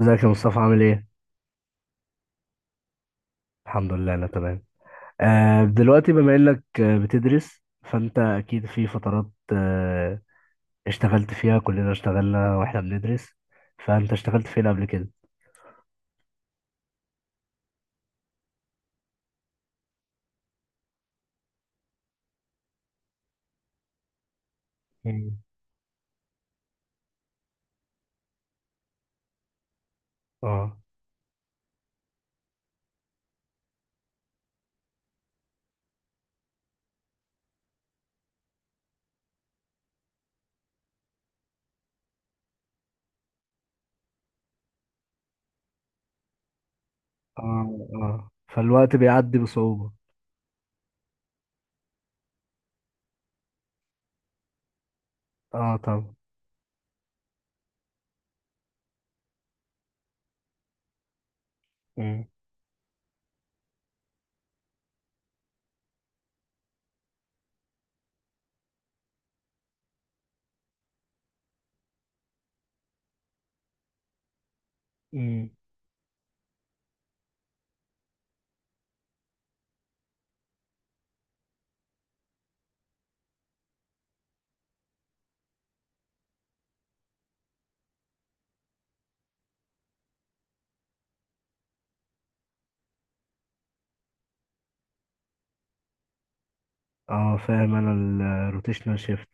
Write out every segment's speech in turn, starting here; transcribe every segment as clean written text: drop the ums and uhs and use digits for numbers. ازيك يا مصطفى عامل ايه؟ الحمد لله انا تمام. آه دلوقتي بما انك بتدرس، فانت اكيد في فترات اشتغلت فيها. كلنا اشتغلنا واحنا بندرس، فانت اشتغلت فين قبل كده؟ مم. اه. اه فالوقت بيعدي بصعوبة. اه طبعا. مم. مم. اه فاهم انا، الروتيشنال شيفت.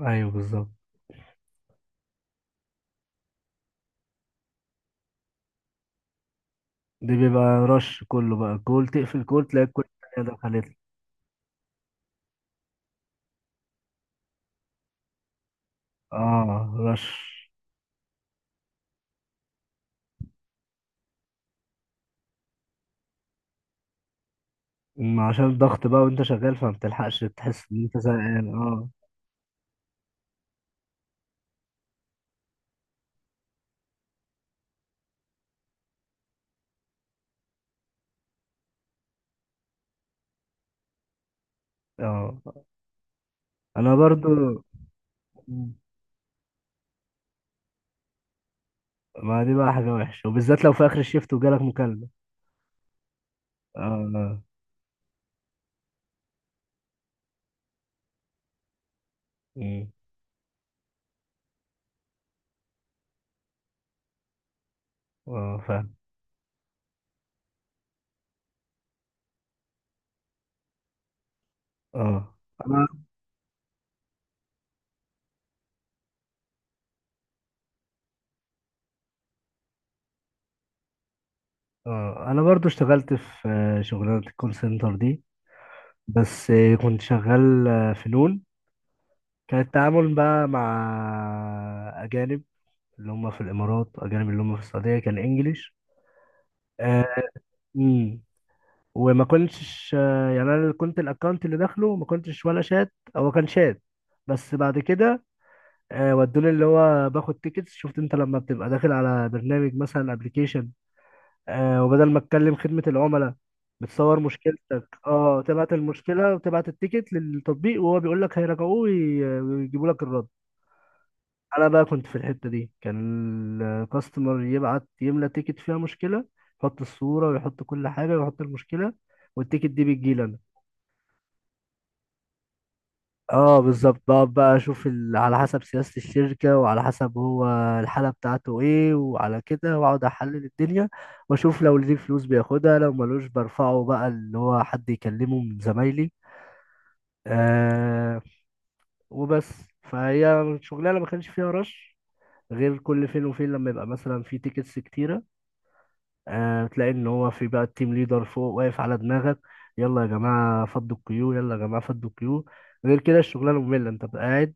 ايوه بالظبط، دي بيبقى رش كله بقى. كول تقفل، كول تلاقي كل التانية دخلت. اه رش. ما عشان الضغط بقى وانت شغال فما بتلحقش تحس ان انت زهقان. اه. اه انا برضو. ما دي بقى حاجة وحشة، وبالذات لو في اخر الشيفت وجالك مكالمة. اه. مم. اه فاهم. اه انا اه انا برضو اشتغلت في شغلانة الكول سنتر دي، بس كنت شغال في نون. كان التعامل بقى مع اجانب، اللي هم في الامارات اجانب، اللي هم في السعودية كان انجليش. وما كنتش يعني، انا اللي كنت الاكونت اللي داخله ما كنتش ولا شات، هو كان شات. بس بعد كده ودوني اللي هو باخد تيكتس. شفت انت لما بتبقى داخل على برنامج، مثلا ابلكيشن، وبدل ما تكلم خدمة العملاء، بتصور مشكلتك، اه تبعت المشكلة وتبعت التيكت للتطبيق، وهو بيقول لك هيراجعوه ويجيبوا لك الرد. انا بقى كنت في الحتة دي، كان الكاستمر يبعت يملى تيكت فيها مشكلة، يحط الصورة ويحط كل حاجة ويحط المشكلة، والتيكت دي بتجيلنا. اه بالظبط، بقعد بقى اشوف ال... على حسب سياسة الشركة وعلى حسب هو الحالة بتاعته ايه وعلى كده، واقعد احلل الدنيا واشوف لو ليه فلوس بياخدها، لو ملوش برفعه بقى، اللي هو حد يكلمه من زمايلي. آه وبس. فهي شغلانة ما كانش فيها رش، غير كل فين وفين لما يبقى مثلا في تيكتس كتيرة، آه تلاقي ان هو في بقى التيم ليدر فوق واقف على دماغك: يلا يا جماعة فضوا القيود، يلا يا جماعة فضوا القيود. غير كده الشغلانة مملة، انت بقى قاعد،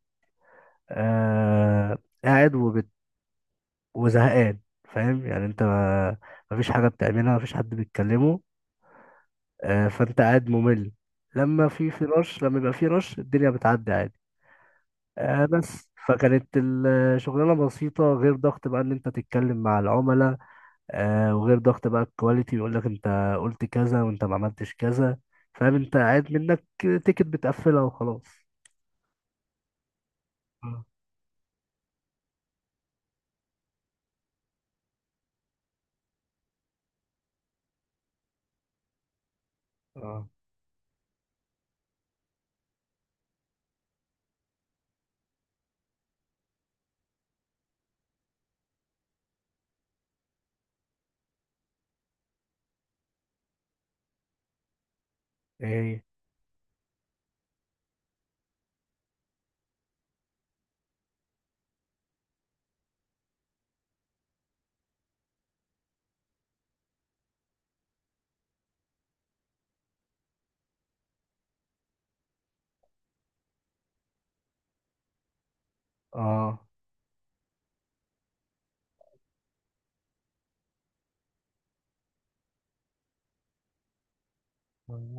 آه، قاعد وبت... وزهقان. فاهم يعني، انت ما مفيش حاجة بتعملها، مفيش حد بيتكلمه، آه، فانت قاعد ممل. لما في رش، لما يبقى في رش، الدنيا بتعدي عادي. آه. بس فكانت الشغلانة بسيطة، غير ضغط بقى ان انت تتكلم مع العملاء، آه، وغير ضغط بقى الكواليتي يقول لك انت قلت كذا وانت ما عملتش كذا. فاهم، انت قاعد منك تيكت بتقفلها وخلاص. اه. اه. ايه. اه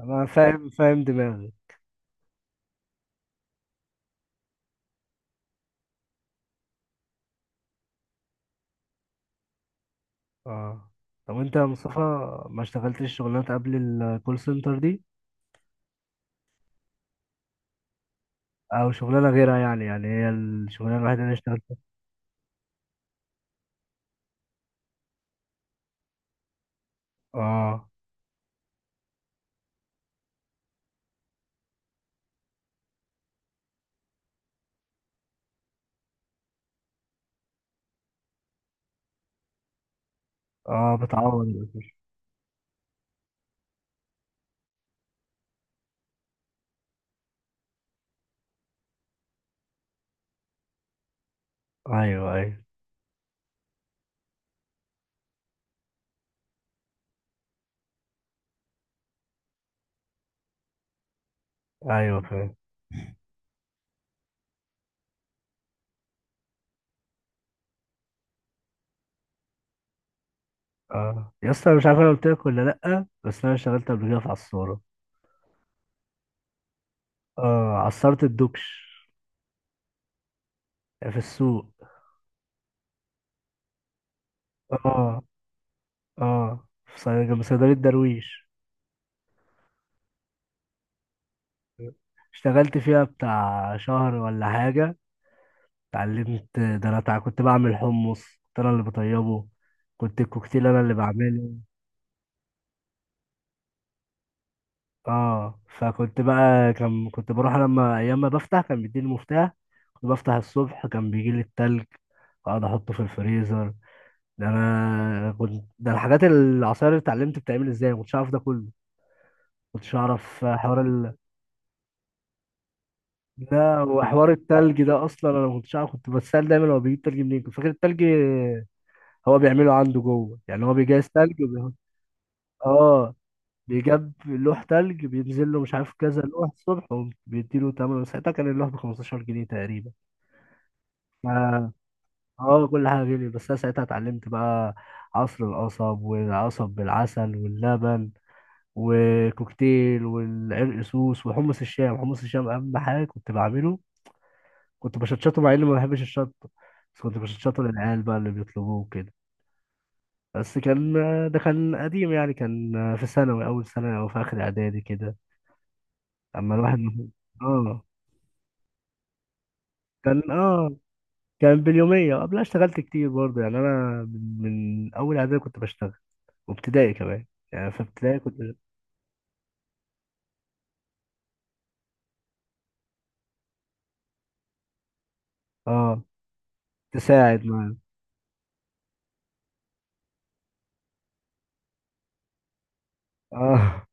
انا فاهم، فاهم دماغي. اه. طب انت يا مصطفى ما اشتغلتش شغلانات قبل الكول سنتر دي، او شغلانه غيرها يعني؟ يعني هي الشغلانه الوحيده اللي اشتغلتها. اه. اه، بتعوض الأسر. ايوه ايوه. ايوه فاهم. اه يا اسطى، أنا مش عارف انا قلت لك ولا لا، بس انا اشتغلت قبل كده في عصاره. اه، عصرت الدكش. في السوق. اه. اه في جنب صيدليه درويش. اشتغلت فيها بتاع شهر ولا حاجه. اتعلمت، ده انا كنت بعمل حمص، كنت انا اللي بطيبه، كنت الكوكتيل انا اللي بعمله. اه. فكنت بقى، كنت بروح لما ايام ما بفتح كان بيديني المفتاح، كنت بفتح الصبح، كان بيجي لي التلج واقعد احطه في الفريزر. ده انا كنت، ده الحاجات العصاير اللي اتعلمت بتعمل ازاي، ما كنتش اعرف ده كله، ما كنتش اعرف حوار ال... لا وحوار التلج ده اصلا انا ما كنتش اعرف، كنت بتسال دايما هو بيجيب تلج منين، كنت فاكر التلج هو بيعمله عنده جوه، يعني هو بيجهز تلج وبيحط. اه. بيجاب لوح تلج، بينزل له مش عارف كذا لوح الصبح، وبيديله تمن، ساعتها كان اللوح ب 15 جنيه تقريبا. ف- اه كل حاجة غالية، بس أنا ساعتها اتعلمت بقى عصر القصب، والعصب بالعسل واللبن، وكوكتيل، والعرق سوس، وحمص الشام. حمص الشام أهم حاجة كنت بعمله، كنت بشطشطه مع إني ما بحبش الشطة، بس كنت بشطشطه للعيال بقى اللي بيطلبوه كده. بس كان، ده كان قديم يعني، كان في ثانوي، أول ثانوي، أو في آخر إعدادي كده. أما الواحد، اه. كان اه كان باليومية. قبلها اشتغلت كتير برضه، يعني أنا من، من أول إعدادي كنت بشتغل، وابتدائي كمان. يعني في ابتدائي كنت. اه تساعد معاه. اه.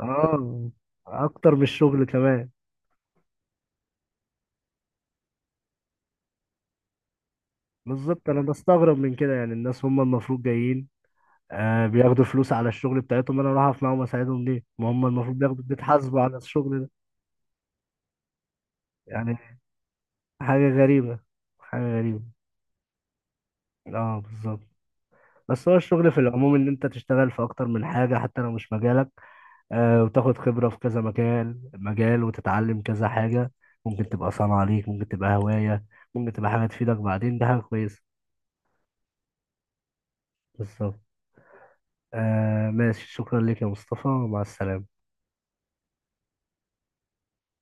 اه أكتر من الشغل كمان. بالظبط، أنا بستغرب من كده. يعني الناس هم المفروض جايين، آه، بياخدوا فلوس على الشغل بتاعتهم، أنا أروح أقف معاهم أساعدهم ليه؟ ما هم المفروض بياخدوا، بيتحاسبوا على الشغل ده يعني. حاجة غريبة، حاجة غريبة. اه بالظبط. بس هو الشغل في العموم، ان انت تشتغل في اكتر من حاجة حتى لو مش مجالك، وتاخد خبرة في كذا مكان، مجال، وتتعلم كذا حاجة. ممكن تبقى صنعة ليك، ممكن تبقى هواية، ممكن تبقى حاجة تفيدك بعدين، ده حاجة كويسة. بالظبط. آه ماشي، شكرا لك يا مصطفى، مع السلامة.